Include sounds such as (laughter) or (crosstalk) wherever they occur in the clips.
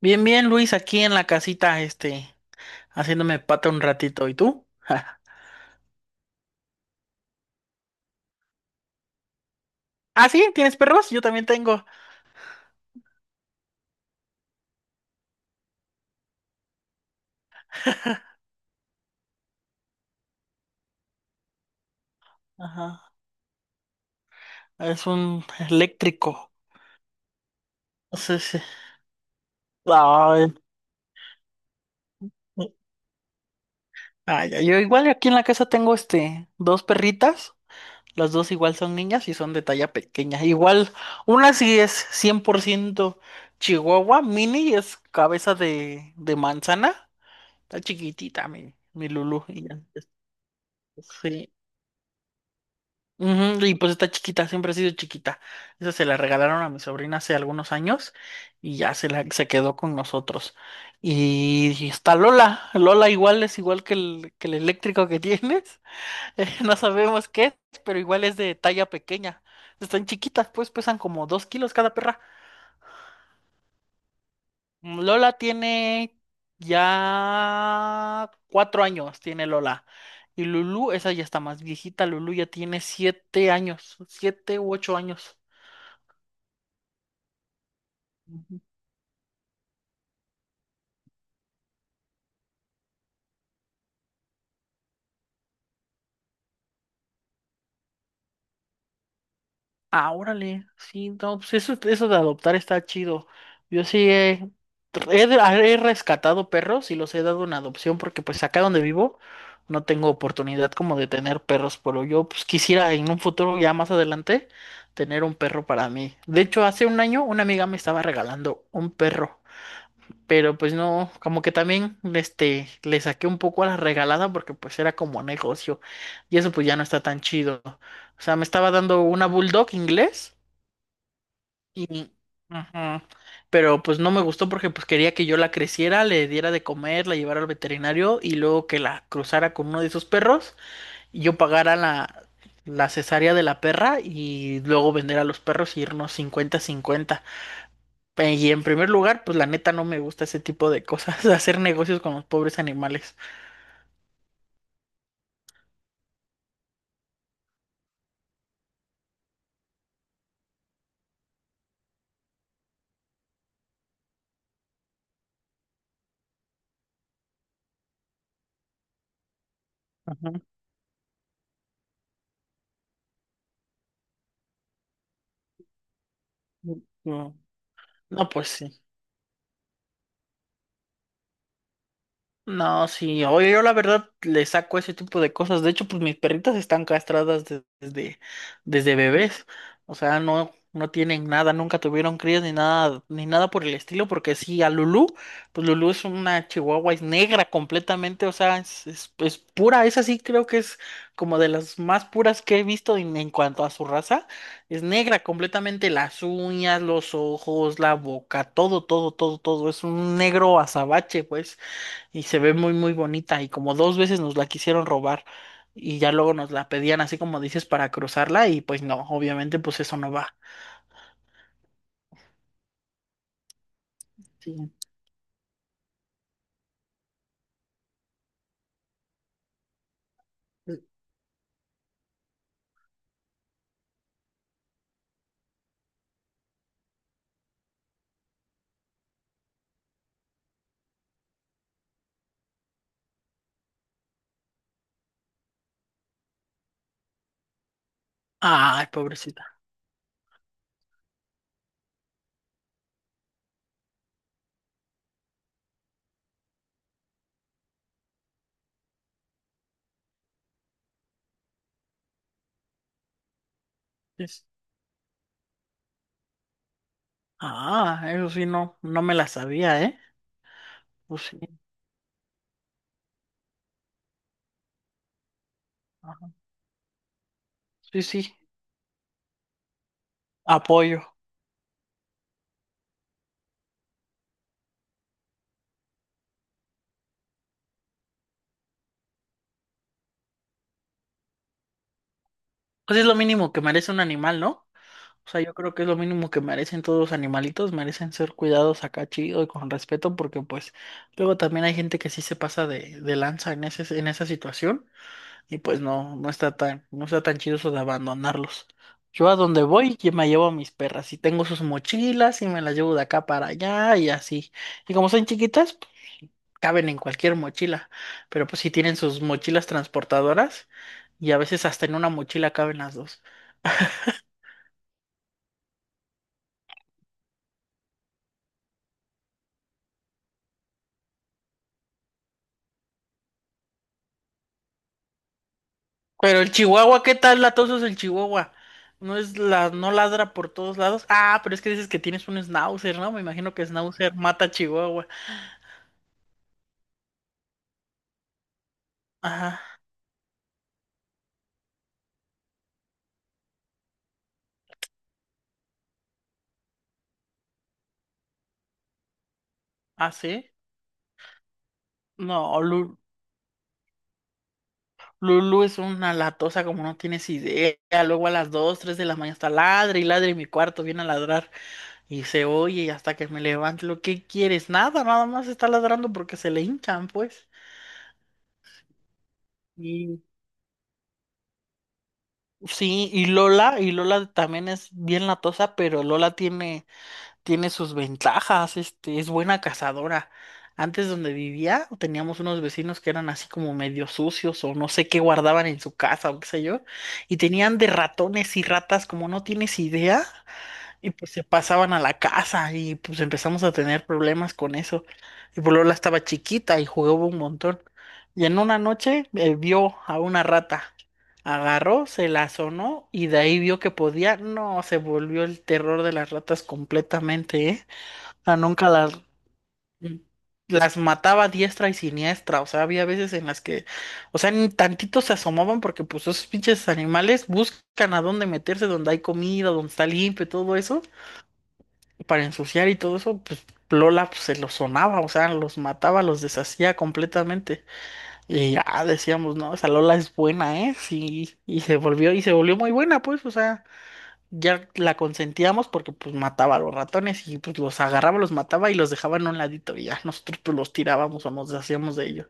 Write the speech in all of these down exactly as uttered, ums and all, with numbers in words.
Bien, bien, Luis, aquí en la casita, este, haciéndome pata un ratito. ¿Y tú? (laughs) Ah, sí, ¿tienes perros? Yo también tengo. Ajá. Es un eléctrico. Sí, sí. Ay, ay, ay, yo igual aquí en la casa tengo, este, dos perritas. Las dos igual son niñas y son de talla pequeña. Igual, una sí es cien por ciento chihuahua, mini, es cabeza de, de manzana. Está chiquitita mi, mi Lulu. Y ya, sí, ujú, y pues está chiquita, siempre ha sido chiquita. Esa se la regalaron a mi sobrina hace algunos años y ya se la se quedó con nosotros. Y, y está Lola. Lola igual es igual que el, que el eléctrico que tienes. (laughs) Eh, no sabemos qué es, pero igual es de talla pequeña. Están chiquitas, pues pesan como dos kilos cada perra. Mm, Lola tiene ya cuatro años, tiene Lola. Y Lulu, esa ya está más viejita. Lulu ya tiene siete años, siete u ocho años. Ujú. Ah, órale, sí, no, pues eso, eso de adoptar está chido. Yo sí he, he, de- ah, he rescatado perros y los he dado en adopción porque pues acá donde vivo no tengo oportunidad como de tener perros, pero yo pues quisiera en un futuro ya más adelante tener un perro para mí. De hecho, hace un año una amiga me estaba regalando un perro. Pero pues no, como que también este, le saqué un poco a la regalada porque pues era como negocio y eso pues ya no está tan chido. O sea, me estaba dando una bulldog inglés y... Ajá. Pero pues no me gustó porque pues quería que yo la creciera, le diera de comer, la llevara al veterinario y luego que la cruzara con uno de esos perros y yo pagara la, la cesárea de la perra y luego vender a los perros y irnos cincuenta cincuenta. Pe- Y en primer lugar, pues la neta no me gusta ese tipo de cosas, (laughs) hacer negocios con los pobres animales. Ajá. No, no, pues sí. No, sí, oye, yo la verdad le saco ese tipo de cosas. De hecho, pues mis perritas están castradas de- desde, desde bebés. O sea, no, no tienen nada, nunca tuvieron crías ni nada, ni nada por el estilo, porque sí, a Lulú, pues Lulú es una chihuahua, es negra completamente, o sea, es, es, es pura, esa sí creo que es como de las más puras que he visto en, en cuanto a su raza. Es negra completamente, las uñas, los ojos, la boca, todo, todo, todo, todo. Es un negro azabache, pues y se ve muy muy bonita y como dos veces nos la quisieron robar y ya luego nos la pedían así como dices para cruzarla y pues no, obviamente pues eso no va. Sí. Ay, pobrecita. Es- Ah, eso sí no, no me la sabía, ¿eh? Pues sí, ajá. Sí, sí, apoyo. Pues es lo mínimo que merece un animal, ¿no? O sea, yo creo que es lo mínimo que merecen todos los animalitos, merecen ser cuidados acá chido y con respeto, porque pues luego también hay gente que sí se pasa de, de lanza en ese, en esa situación. Y pues no, no está tan, no está tan chido eso de abandonarlos. Yo a donde voy, yo me llevo a mis perras y tengo sus mochilas y me las llevo de acá para allá y así. Y como son chiquitas, pues, caben en cualquier mochila. Pero pues sí tienen sus mochilas transportadoras y a veces hasta en una mochila caben las dos. Pero el chihuahua, ¿qué tal latoso es el chihuahua? No es la, no ladra por todos lados. Ah, pero es que dices que tienes un schnauzer, ¿no? Me imagino que schnauzer mata chihuahua. Ajá. ¿Ah, sí? No, Lu- Lulu es una latosa como no tienes idea. Luego a las dos, tres de la mañana está ladre y ladre y mi cuarto, viene a ladrar y se oye y hasta que me levante. ¿Lo que quieres? Nada, nada más está ladrando porque se le hinchan, pues. Y sí, y Lola, y Lola también es bien latosa, pero Lola tiene tiene sus ventajas, este, es buena cazadora. Antes donde vivía teníamos unos vecinos que eran así como medio sucios o no sé qué guardaban en su casa o qué sé yo, y tenían de ratones y ratas como no tienes idea. Y pues se pasaban a la casa y pues empezamos a tener problemas con eso. Y pues Lola estaba chiquita y jugaba un montón. Y en una noche eh, vio a una rata. Agarró, se la sonó y de ahí vio que podía. No, se volvió el terror de las ratas completamente, ¿eh? O sea, nunca las, mm, las mataba a diestra y siniestra. O sea, había veces en las que, o sea, ni tantito se asomaban porque pues esos pinches animales buscan a dónde meterse, donde hay comida, donde está limpio, todo eso para ensuciar y todo eso, pues Lola pues, se los sonaba, o sea, los mataba, los deshacía completamente. Y ya decíamos, no, esa Lola es buena, ¿eh? Sí, y se volvió, y se volvió muy buena, pues, o sea, ya la consentíamos porque pues mataba a los ratones y pues los agarraba, los mataba y los dejaba en un ladito y ya nosotros pues los tirábamos o nos deshacíamos de ellos.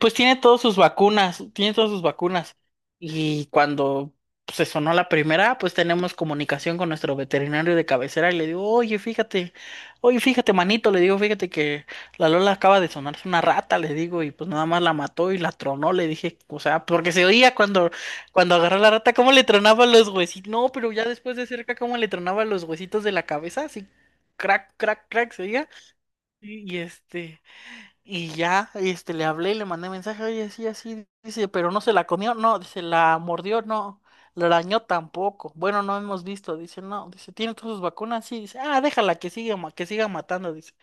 Pues tiene todas sus vacunas, tiene todas sus vacunas. Y cuando pues, se sonó la primera, pues tenemos comunicación con nuestro veterinario de cabecera y le digo, oye, fíjate, oye, fíjate, manito, le digo, fíjate que la Lola acaba de sonarse una rata, le digo, y pues nada más la mató y la tronó, le dije, o sea, porque se oía cuando, cuando agarró la rata, cómo le tronaba los huesitos, no, pero ya después de cerca, cómo le tronaba los huesitos de la cabeza, así, crack, crack, crack, se oía, y y este... Y ya, este, le hablé y le mandé mensaje, oye, sí, así, dice, pero no se la comió, no, dice, la mordió, no, la arañó tampoco. Bueno, no hemos visto, dice, no, dice, tiene todas sus vacunas, sí, dice, ah, déjala que siga, ma- que siga matando, dice.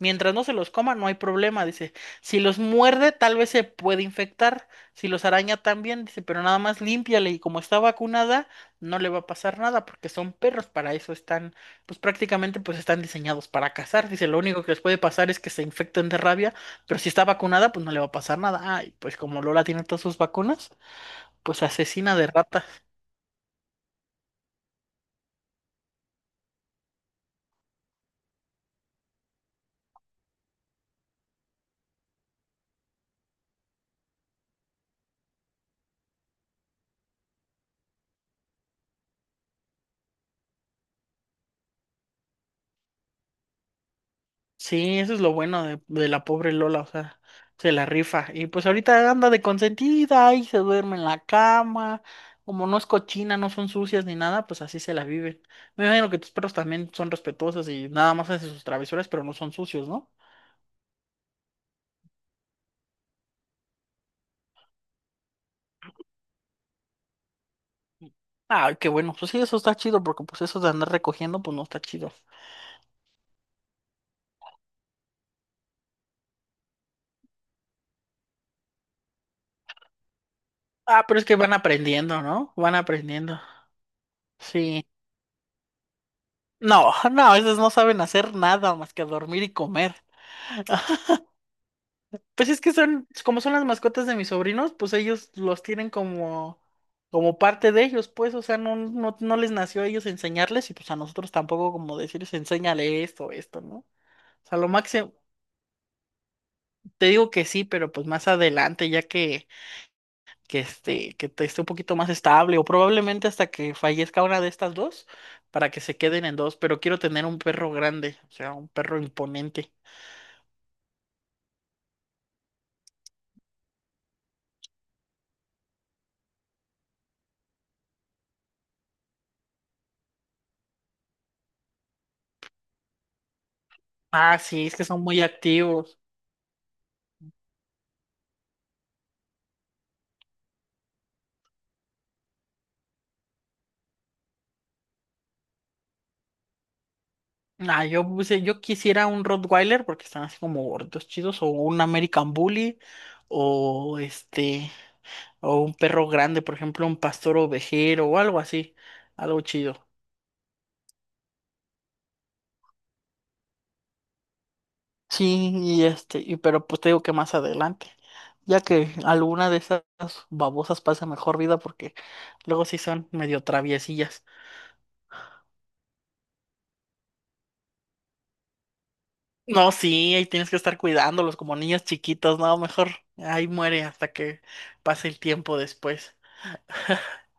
Mientras no se los coma, no hay problema, dice. Si los muerde, tal vez se puede infectar, si los araña también, dice, pero nada más límpiale y como está vacunada, no le va a pasar nada porque son perros, para eso están, pues prácticamente pues están diseñados para cazar, dice, lo único que les puede pasar es que se infecten de rabia pero si está vacunada, pues no le va a pasar nada. Ay, pues como Lola tiene todas sus vacunas, pues asesina de ratas. Sí, eso es lo bueno de, de la pobre Lola, o sea, se la rifa. Y pues ahorita anda de consentida y se duerme en la cama. Como no es cochina, no son sucias ni nada, pues así se la viven. Me imagino que tus perros también son respetuosos y nada más hacen sus travesuras, pero no son sucios, ¿no? Ay, qué bueno. Pues sí, eso está chido, porque pues eso de andar recogiendo, pues no está chido. Ah, pero es que van aprendiendo, ¿no? Van aprendiendo. Sí. No, (laughs) no, esas no saben hacer nada más que dormir y comer. (laughs) Pues es que son, como son las mascotas de mis sobrinos, pues ellos los tienen como, como parte de ellos, pues, o sea, no, no, no les nació a ellos enseñarles y pues a nosotros tampoco como decirles, enséñale esto, esto, ¿no? O sea, lo máximo, te digo que sí, pero pues más adelante, ya que, que este, que te esté un poquito más estable, o probablemente hasta que fallezca una de estas dos, para que se queden en dos, pero quiero tener un perro grande, o sea, un perro imponente. Ah, sí, es que son muy activos. Ah, yo, puse- yo quisiera un Rottweiler porque están así como gordos, chidos, o un American Bully, o este, o un perro grande, por ejemplo, un pastor ovejero o algo así, algo chido. Sí, y este, y pero pues te digo que más adelante, ya que alguna de esas babosas pasa mejor vida porque luego sí son medio traviesillas. No, sí, ahí tienes que estar cuidándolos como niños chiquitos, no, mejor ahí muere hasta que pase el tiempo después. (laughs)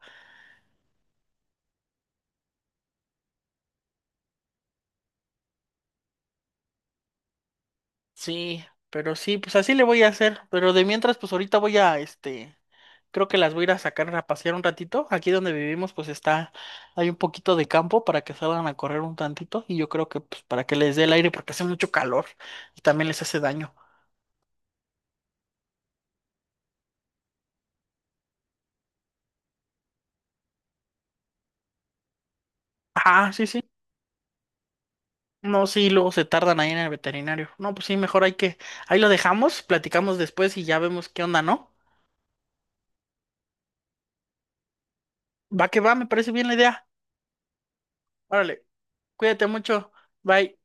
Sí, pero sí, pues así le voy a hacer, pero de mientras, pues ahorita voy a, este, creo que las voy a ir a sacar a pasear un ratito. Aquí donde vivimos, pues está, hay un poquito de campo para que salgan a correr un tantito y yo creo que, pues, para que les dé el aire porque hace mucho calor y también les hace daño. Ah, sí, sí. No, sí, luego se tardan ahí en el veterinario. No, pues sí, mejor hay que, ahí lo dejamos, platicamos después y ya vemos qué onda, ¿no? Va que va, me parece bien la idea. Órale, cuídate mucho. Bye.